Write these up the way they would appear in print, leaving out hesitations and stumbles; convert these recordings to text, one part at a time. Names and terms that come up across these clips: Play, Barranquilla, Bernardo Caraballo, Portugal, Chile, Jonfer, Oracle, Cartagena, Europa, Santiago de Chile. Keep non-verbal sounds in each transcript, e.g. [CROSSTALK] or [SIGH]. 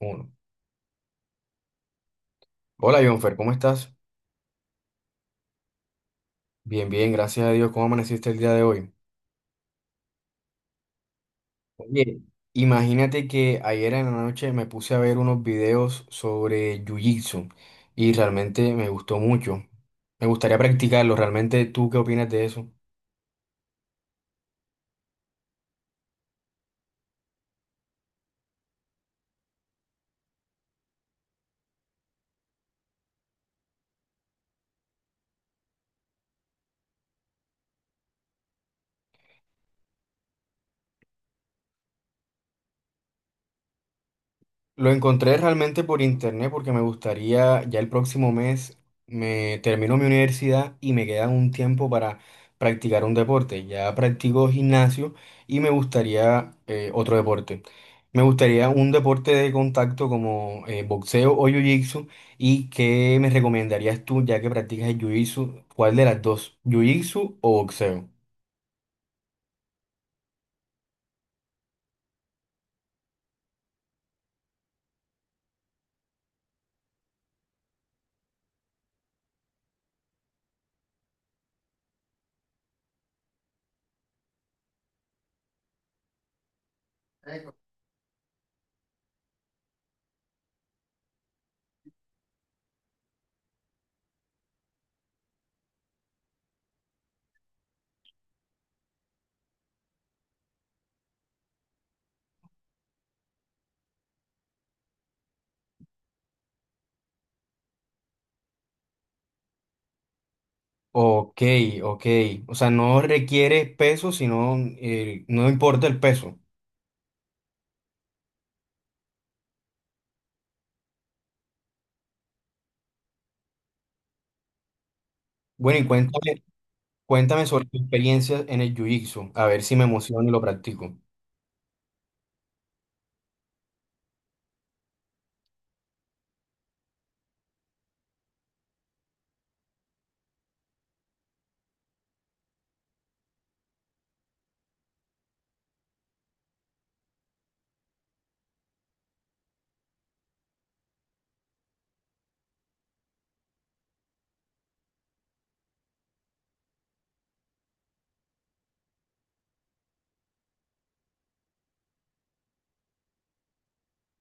Uno. Hola, Jonfer, ¿cómo estás? Bien, bien, gracias a Dios. ¿Cómo amaneciste el día de hoy? Oye, imagínate que ayer en la noche me puse a ver unos videos sobre Jiu-Jitsu y realmente me gustó mucho. Me gustaría practicarlo. ¿Realmente tú qué opinas de eso? Lo encontré realmente por internet porque me gustaría, ya el próximo mes me termino mi universidad y me queda un tiempo para practicar un deporte. Ya practico gimnasio y me gustaría otro deporte. Me gustaría un deporte de contacto como boxeo o jiu-jitsu. ¿Y qué me recomendarías tú ya que practicas el jiu-jitsu? ¿Cuál de las dos? ¿Jiu-jitsu o boxeo? Ok, ok. O sea, no requiere peso, sino no importa el peso. Bueno, y cuéntame, cuéntame sobre tu experiencia en el jiu-jitsu, a ver si me emociono y lo practico.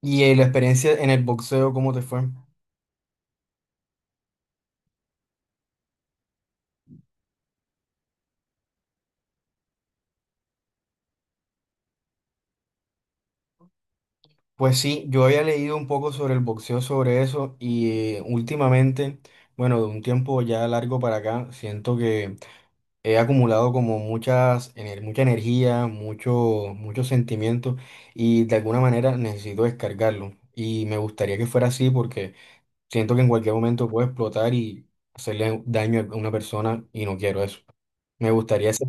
Y la experiencia en el boxeo, ¿cómo te fue? Pues sí, yo había leído un poco sobre el boxeo, sobre eso, y últimamente, bueno, de un tiempo ya largo para acá, siento que he acumulado como muchas, mucha energía, mucho, muchos sentimientos, y de alguna manera necesito descargarlo. Y me gustaría que fuera así porque... Siento que en cualquier momento puedo explotar y hacerle daño a una persona y no quiero eso. Me gustaría ser...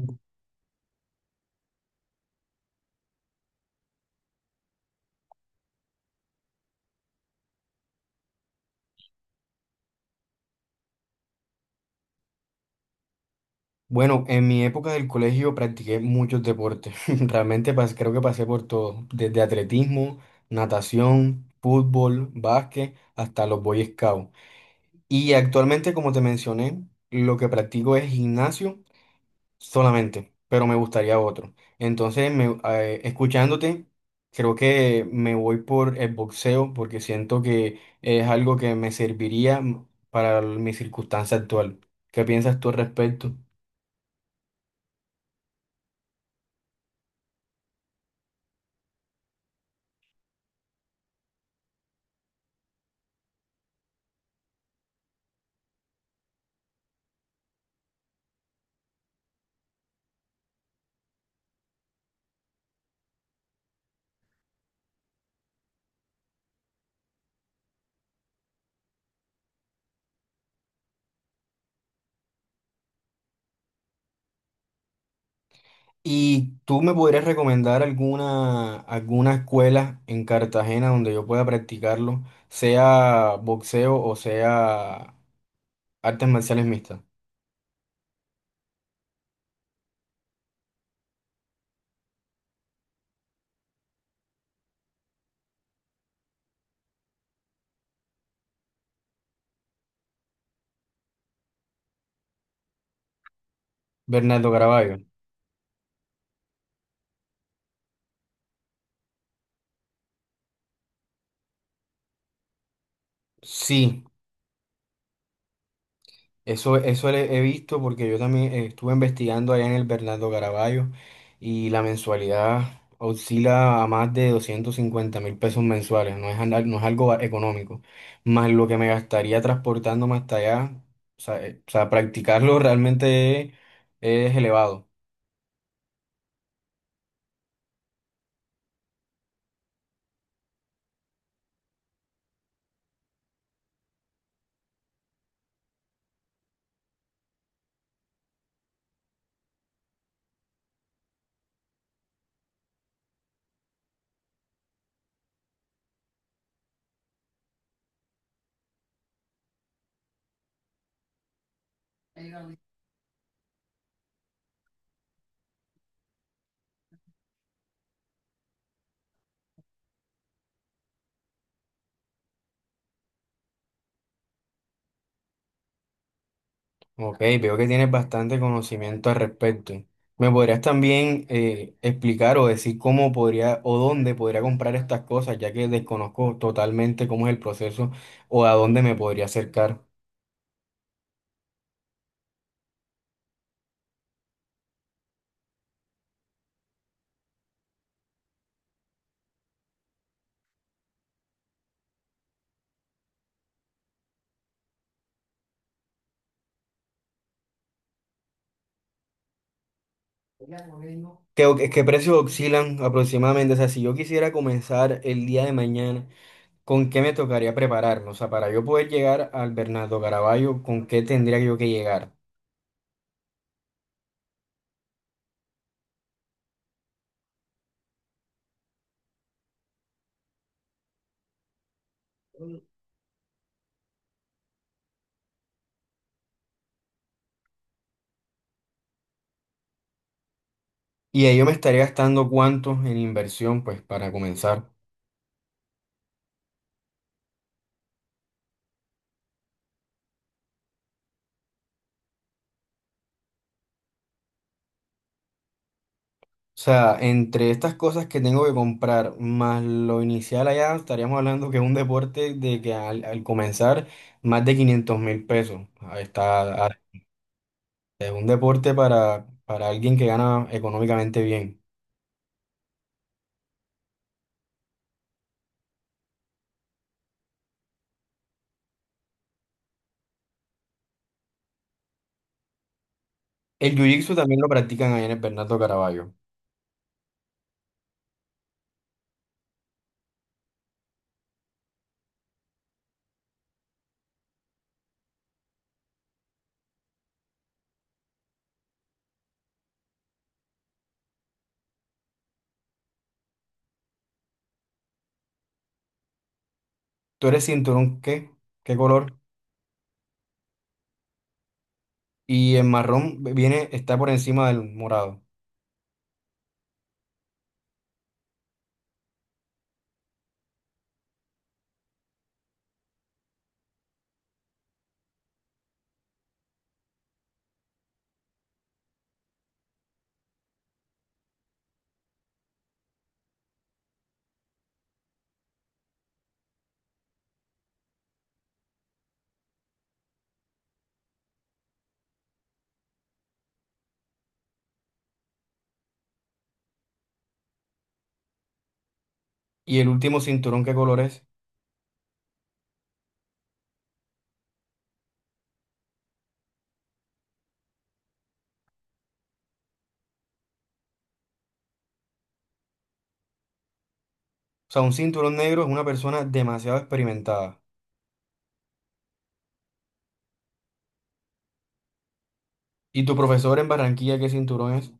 Bueno, en mi época del colegio practiqué muchos deportes. [LAUGHS] Realmente creo que pasé por todo. Desde atletismo, natación, fútbol, básquet, hasta los Boy Scouts. Y actualmente, como te mencioné, lo que practico es gimnasio solamente, pero me gustaría otro. Entonces, escuchándote, creo que me voy por el boxeo porque siento que es algo que me serviría para mi circunstancia actual. ¿Qué piensas tú al respecto? ¿Y tú me podrías recomendar alguna, alguna escuela en Cartagena donde yo pueda practicarlo, sea boxeo o sea artes marciales mixtas? Bernardo Caraballo. Sí. Eso, he visto porque yo también estuve investigando allá en el Bernardo Caraballo y la mensualidad oscila a más de 250.000 pesos mensuales, no es, no es algo económico, más lo que me gastaría transportándome hasta allá, o sea, practicarlo realmente es elevado. Ok, veo que tienes bastante conocimiento al respecto. ¿Me podrías también explicar o decir cómo podría o dónde podría comprar estas cosas, ya que desconozco totalmente cómo es el proceso o a dónde me podría acercar? ¿Qué, qué precios oscilan aproximadamente? O sea, si yo quisiera comenzar el día de mañana, ¿con qué me tocaría prepararme? O sea, para yo poder llegar al Bernardo Caraballo, ¿con qué tendría yo que llegar? Y ahí yo me estaría gastando cuánto en inversión, pues, para comenzar. O sea, entre estas cosas que tengo que comprar, más lo inicial allá, estaríamos hablando que es un deporte de que al, al comenzar, más de 500.000 pesos. Ahí está, ah, es un deporte para alguien que gana económicamente bien. El jiu-jitsu también lo practican allá en el Bernardo Caraballo. ¿Tú eres cinturón qué? ¿Qué color? Y el marrón viene, está por encima del morado. ¿Y el último cinturón qué color es? O sea, un cinturón negro es una persona demasiado experimentada. ¿Y tu profesor en Barranquilla qué cinturón es?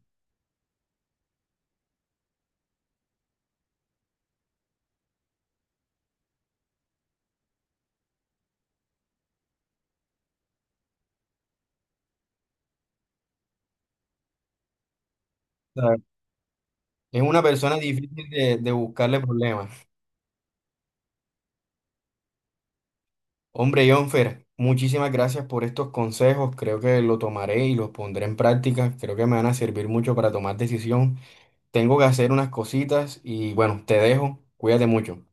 Es una persona difícil de buscarle problemas. Hombre, Jonfer, muchísimas gracias por estos consejos. Creo que lo tomaré y los pondré en práctica. Creo que me van a servir mucho para tomar decisión. Tengo que hacer unas cositas y bueno, te dejo. Cuídate mucho.